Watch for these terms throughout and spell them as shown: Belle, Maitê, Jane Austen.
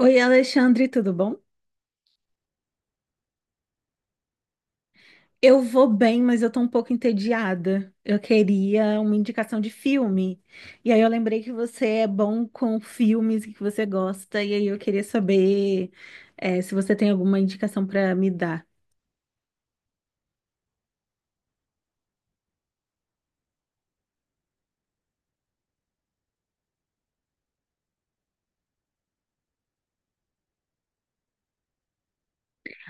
Oi, Alexandre, tudo bom? Eu vou bem, mas eu tô um pouco entediada. Eu queria uma indicação de filme. E aí eu lembrei que você é bom com filmes e que você gosta, e aí eu queria saber, se você tem alguma indicação pra me dar.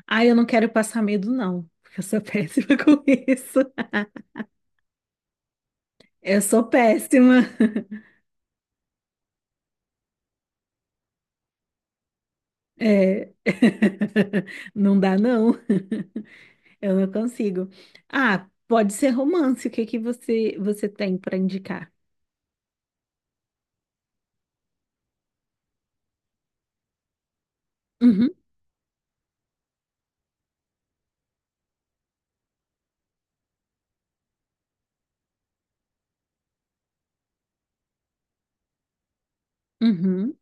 Ah, eu não quero passar medo, não, porque eu sou péssima com isso. Eu sou péssima. É. Não dá, não. Eu não consigo. Ah, pode ser romance. O que que você tem pra indicar? Uhum, uhum,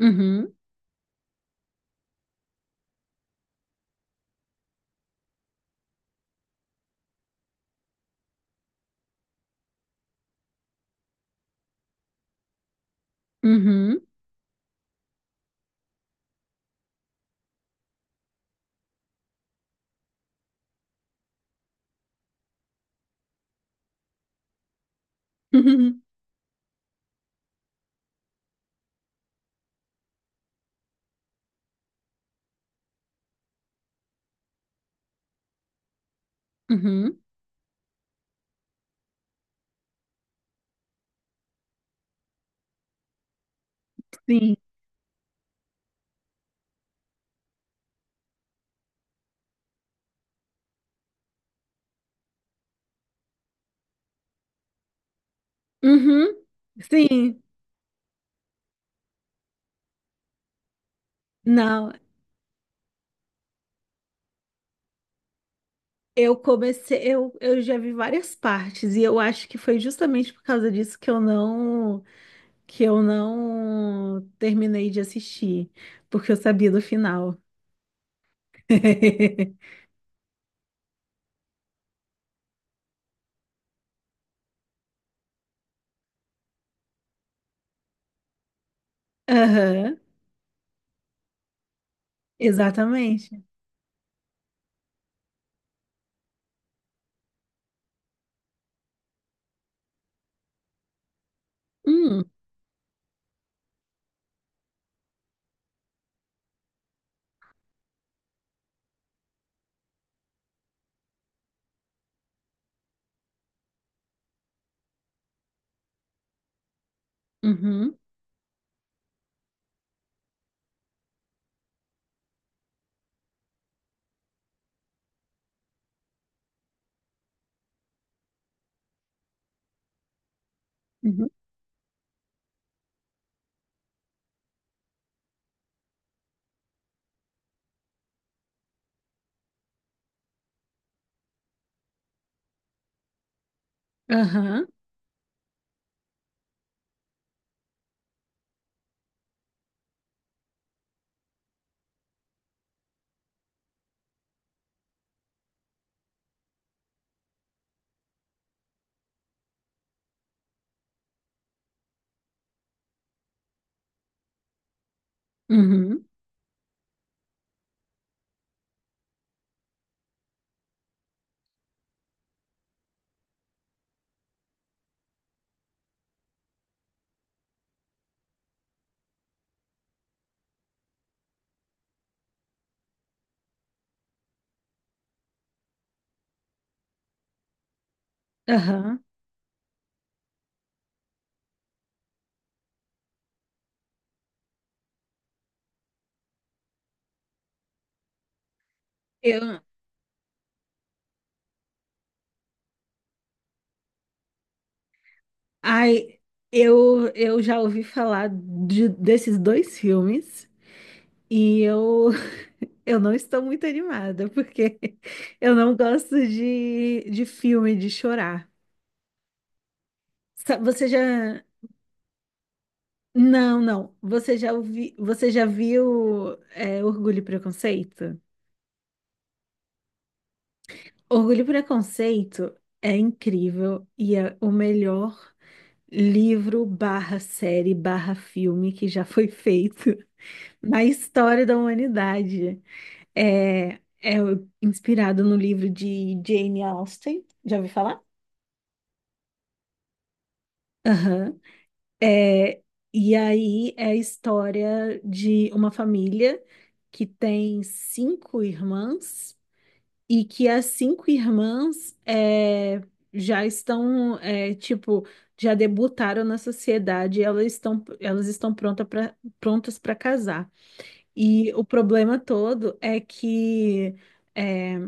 uhum, uhum, uhum, uhum, sim. Uhum. Sim, não, eu comecei, eu já vi várias partes e eu acho que foi justamente por causa disso que eu não terminei de assistir, porque eu sabia do final. Aham, exatamente. Hum, Uhum, uhum, aham, uhum, aham. Eu, Ai, eu já ouvi falar desses dois filmes e eu, eu não estou muito animada, porque eu não gosto de filme, de chorar. Você já. Não, não. Você já ouvi, você já viu Orgulho e Preconceito? Orgulho e Preconceito é incrível e é o melhor livro barra série barra filme que já foi feito na história da humanidade. É, é inspirado no livro de Jane Austen. Já ouvi falar? Aham. É, e aí é a história de uma família que tem cinco irmãs e que as cinco irmãs já estão, tipo, já debutaram na sociedade, elas estão prontas para casar. E o problema todo é que é,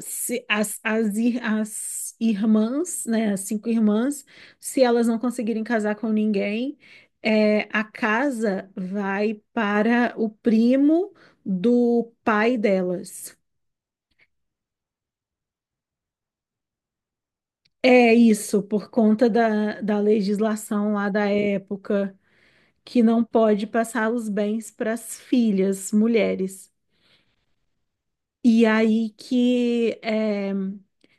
se as irmãs, né, as cinco irmãs, se elas não conseguirem casar com ninguém, é, a casa vai para o primo do pai delas. É isso, por conta da, da legislação lá da época, que não pode passar os bens para as filhas, mulheres. E aí que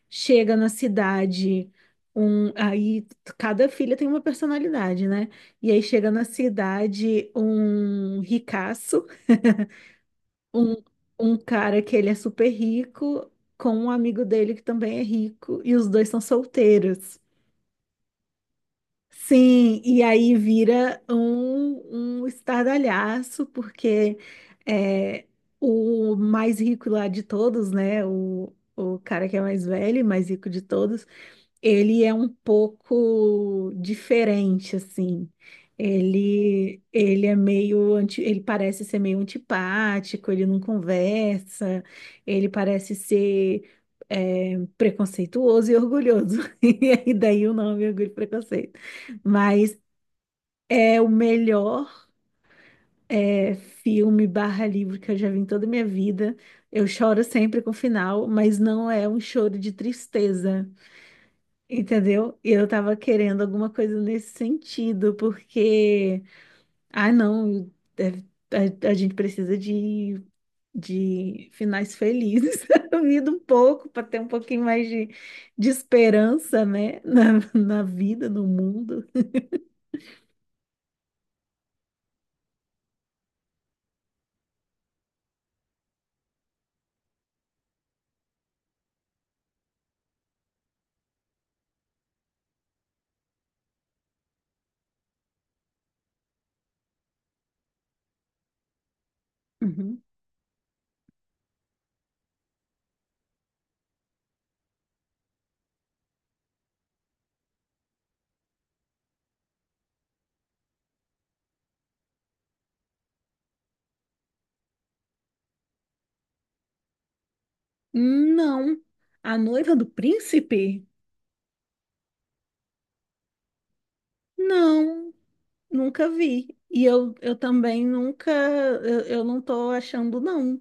chega na cidade um, aí cada filha tem uma personalidade, né? E aí chega na cidade um ricaço, um, um cara que ele é super rico, com um amigo dele que também é rico, e os dois são solteiros. Sim, e aí vira um estardalhaço, porque é, o mais rico lá de todos, né? O cara que é mais velho, e mais rico de todos, ele é um pouco diferente, assim. Ele é meio anti, ele parece ser meio antipático, ele não conversa, ele parece ser preconceituoso e orgulhoso. E aí daí o nome Orgulho e Preconceito. Mas é o melhor filme barra livro que eu já vi em toda a minha vida. Eu choro sempre com o final, mas não é um choro de tristeza. Entendeu? E eu tava querendo alguma coisa nesse sentido, porque, ah, não, a gente precisa de finais felizes na vida um pouco, para ter um pouquinho mais de esperança, né, na vida, no mundo. Uhum. Não, a noiva do príncipe? Não, nunca vi. E eu, eu também nunca, eu não tô achando, não.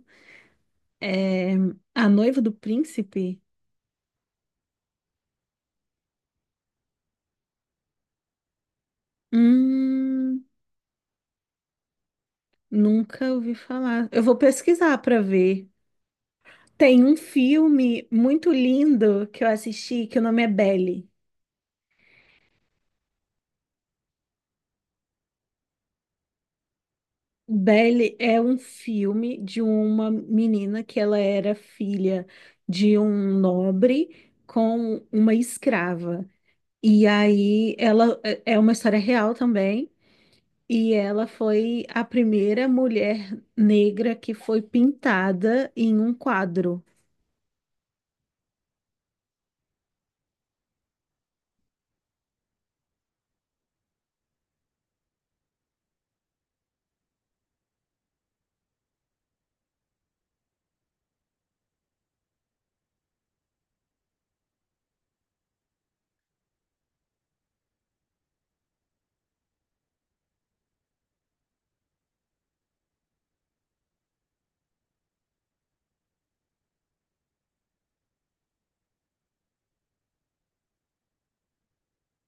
É, a noiva do príncipe. Hum, nunca ouvi falar. Eu vou pesquisar para ver. Tem um filme muito lindo que eu assisti, que o nome é Belle. Belle é um filme de uma menina que ela era filha de um nobre com uma escrava. E aí ela é uma história real também. E ela foi a primeira mulher negra que foi pintada em um quadro.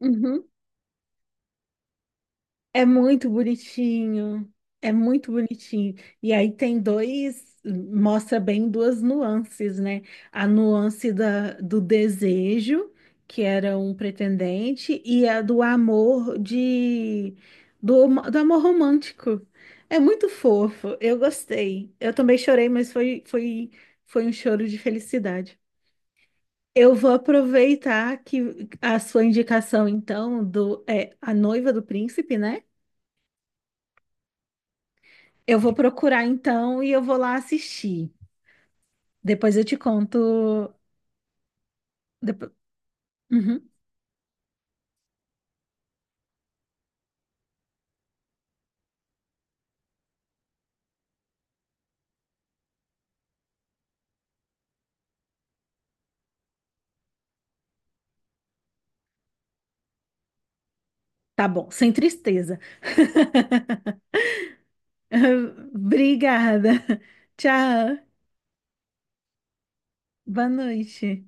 Uhum. É muito bonitinho, é muito bonitinho. E aí tem dois, mostra bem duas nuances, né? A nuance da, do desejo, que era um pretendente, e a do amor de, do amor romântico. É muito fofo, eu gostei. Eu também chorei, mas foi um choro de felicidade. Eu vou aproveitar que a sua indicação, então, A Noiva do Príncipe, né? Eu vou procurar então e eu vou lá assistir. Depois eu te conto. Depo- Uhum, tá bom, sem tristeza. Obrigada. Tchau. Boa noite.